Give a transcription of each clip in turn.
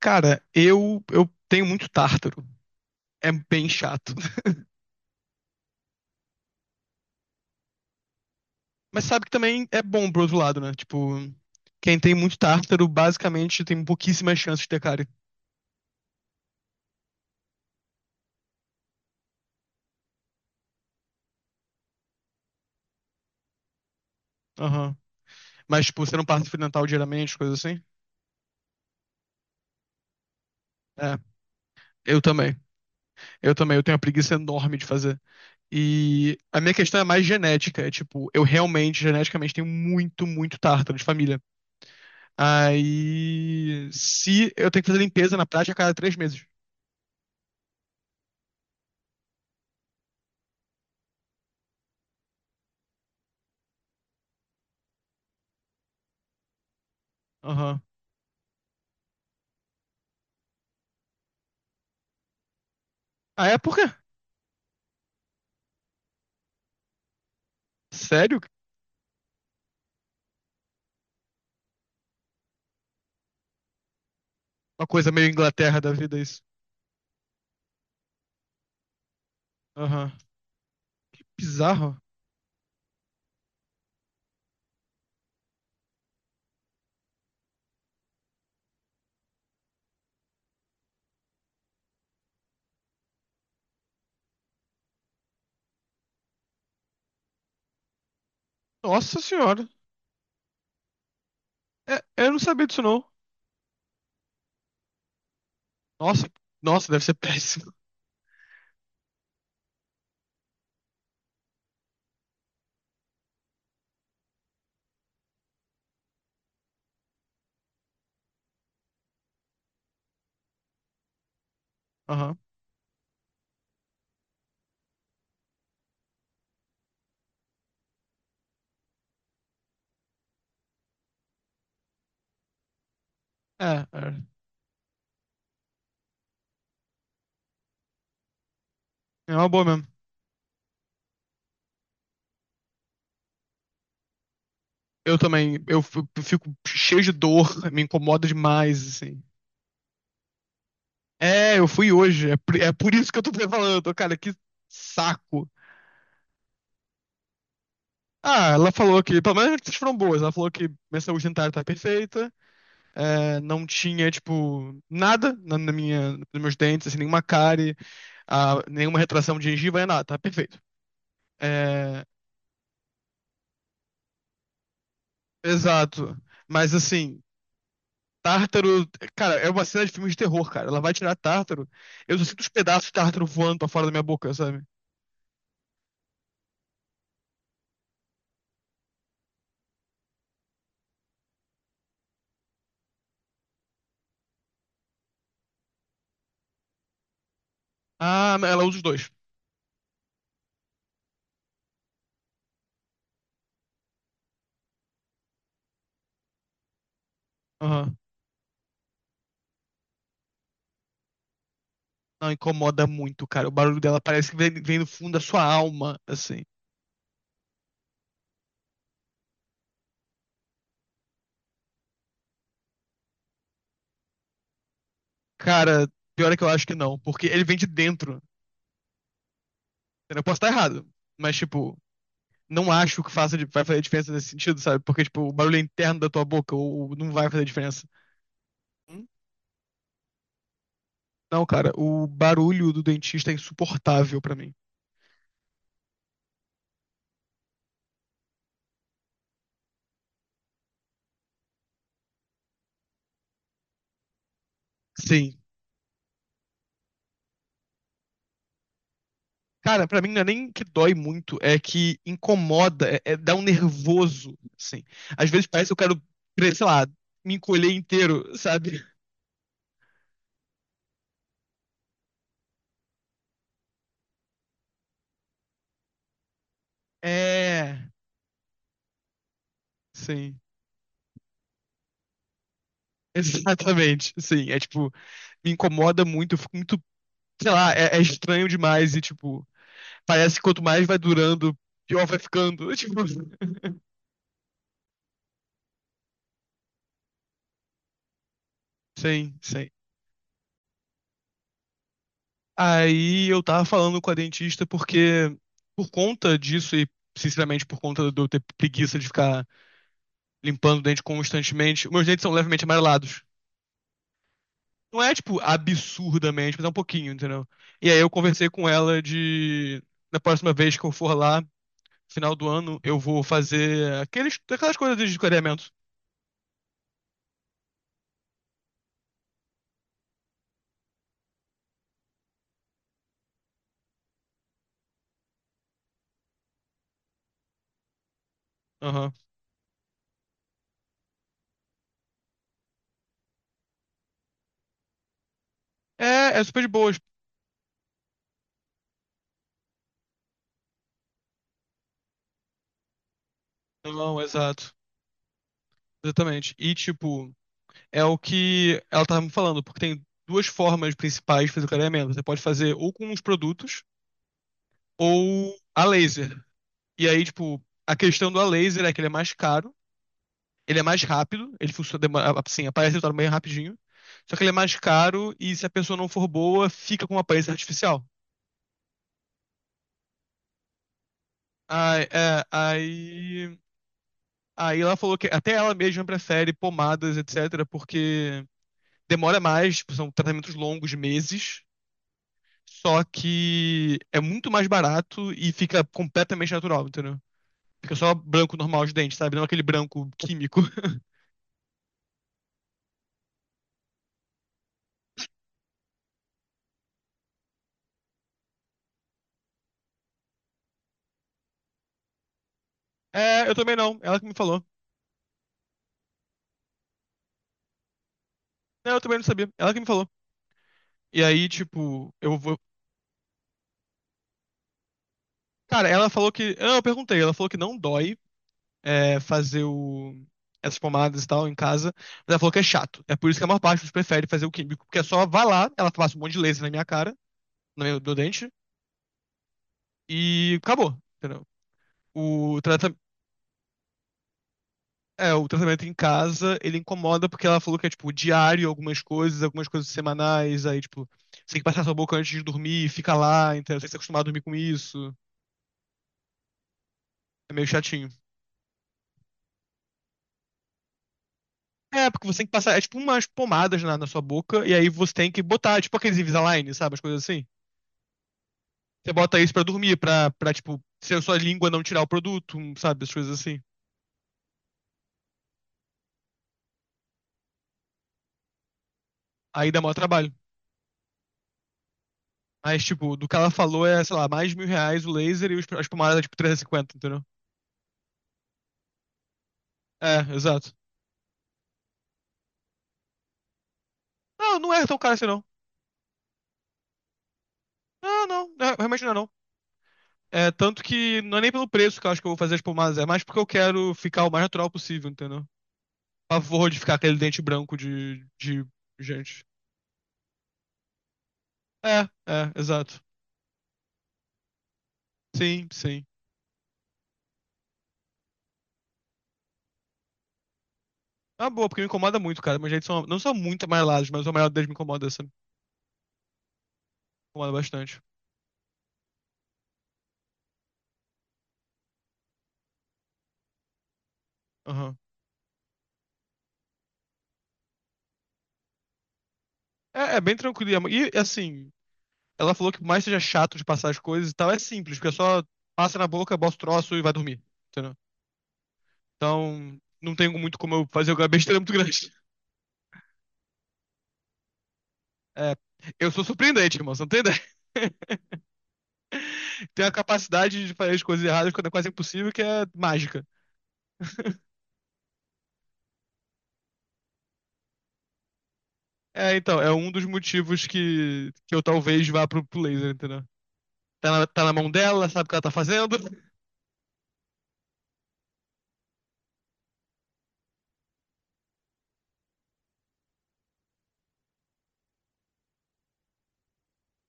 Cara, eu tenho muito tártaro. É bem chato. Mas sabe que também é bom pro outro lado, né? Tipo, quem tem muito tártaro, basicamente, tem pouquíssimas chances de ter cárie. Aham. Mas, tipo, você não passa fio dental diariamente, coisa assim? É, eu também. Eu também. Eu tenho uma preguiça enorme de fazer. E a minha questão é mais genética. É tipo, eu realmente, geneticamente, tenho muito, muito tártaro de família. Aí. Se eu tenho que fazer limpeza na prática a cada 3 meses. Aham. Ah, é? Por quê? Sério? Uma coisa meio Inglaterra da vida, isso. Aham. Bizarro. Nossa senhora. É, eu não sabia disso, não. Nossa, nossa, deve ser péssimo. Aham. É, é. É uma boa mesmo. Eu também. Fico cheio de dor, me incomoda demais, assim. É, eu fui hoje. É por isso que eu tô te falando, cara, que saco. Ah, ela falou que, pelo menos as notícias foram boas. Ela falou que minha saúde dentária tá perfeita. É, não tinha, tipo, nada na minha, nos meus dentes, assim, nenhuma cárie, ah, nenhuma retração de gengiva, é nada, tá perfeito. É, exato. Mas assim, tártaro, cara, é uma cena de filme de terror, cara. Ela vai tirar tártaro. Eu só sinto os pedaços de tártaro voando pra fora da minha boca, sabe? Ah, ela usa os dois. Aham. Não, incomoda muito, cara. O barulho dela parece que vem, vem do fundo da sua alma, assim. Cara, pior é que eu acho que não, porque ele vem de dentro. Eu posso estar errado, mas, tipo, não acho que faça, vai fazer diferença nesse sentido, sabe? Porque, tipo, o barulho é interno da tua boca, ou não vai fazer diferença. Hum? Não, cara, o barulho do dentista é insuportável pra mim. Sim. Cara, pra mim não é nem que dói muito, é que incomoda, dá um nervoso, assim. Às vezes parece que eu quero, sei lá, me encolher inteiro, sabe? É, sim. Exatamente, sim. É tipo, me incomoda muito, eu fico muito, sei lá, é estranho demais e tipo, parece que quanto mais vai durando, pior vai ficando. Tipo, sim, sim. Aí eu tava falando com a dentista porque, por conta disso e sinceramente por conta de eu ter preguiça de ficar limpando o dente constantemente, meus dentes são levemente amarelados. Não é, tipo, absurdamente, mas é um pouquinho, entendeu? E aí eu conversei com ela de, na próxima vez que eu for lá, final do ano eu vou fazer aqueles, aquelas coisas de clareamento. Aham. É, é super de boas. Não, exato. Exatamente. E, tipo, é o que ela tava me falando, porque tem duas formas principais de fazer o clareamento. Você pode fazer ou com os produtos ou a laser. E aí, tipo, a questão do a laser é que ele é mais caro, ele é mais rápido, ele funciona, assim, aparece o resultado bem rapidinho. Só que ele é mais caro e se a pessoa não for boa, fica com uma aparência artificial. Aí, é, aí Aí ela falou que até ela mesma prefere pomadas, etc., porque demora mais, tipo, são tratamentos longos, de meses, só que é muito mais barato e fica completamente natural, entendeu? Fica só branco normal de dente, sabe? Não aquele branco químico. É, eu também não, ela que me falou. Não, eu também não sabia, ela que me falou. E aí, tipo, eu vou. Cara, ela falou que. Não, eu perguntei, ela falou que não dói, é, fazer essas pomadas e tal em casa. Mas ela falou que é chato. É por isso que a maior parte dos prefere fazer o químico, porque é só vai lá, ela passa um monte de laser na minha cara, no meu do dente, e acabou, entendeu? O tratamento. É, o tratamento em casa, ele incomoda porque ela falou que é, tipo, diário, algumas coisas semanais, aí, tipo, você tem que passar sua boca antes de dormir, fica lá, entendeu? Você tem que se acostumar a dormir com isso. É meio chatinho. É, porque você tem que passar, é tipo umas pomadas na, sua boca, e aí você tem que botar, tipo aqueles Invisalign, sabe? As coisas assim. Você bota isso pra dormir, pra, tipo, se a sua língua não tirar o produto, um, sabe? As coisas assim. Aí dá maior trabalho. Mas, tipo, do que ela falou é, sei lá, mais de R$ 1.000 o laser e a espumada é, tipo, 350, entendeu? É, exato. Não, não é tão caro assim, não. Não, não, é, realmente não é, não. É, tanto que não é nem pelo preço que eu acho que eu vou fazer as pomadas, é mais porque eu quero ficar o mais natural possível, entendeu? Pavor de ficar aquele dente branco de gente. É, é, exato. Sim, sim. É uma boa, porque me incomoda muito, cara. Meus dentes são, não são muito amarelados, mas o amarelo deles me incomoda, sabe? Incomoda bastante. Aham. É, é bem tranquilo. E, assim, ela falou que por mais que seja chato de passar as coisas e tal, é simples, porque é só passa na boca, bota o troço e vai dormir. Entendeu? Então, não tem muito como eu fazer alguma besteira muito grande. É, eu sou surpreendente, irmão, você não tem ideia? Tenho a capacidade de fazer as coisas erradas quando é quase impossível, que é mágica. É, então, é um dos motivos que eu talvez vá pro, laser, entendeu? Tá na mão dela, sabe o que ela tá fazendo.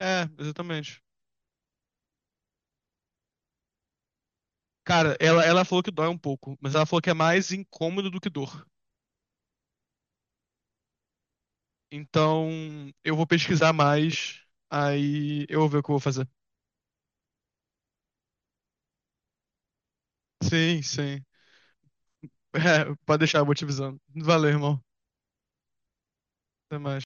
É, exatamente. Cara, ela falou que dói um pouco, mas ela falou que é mais incômodo do que dor. Então, eu vou pesquisar mais, aí eu vou ver o que eu vou fazer. Sim, sim. É, pode deixar, eu vou te avisando. Valeu, irmão. Até mais.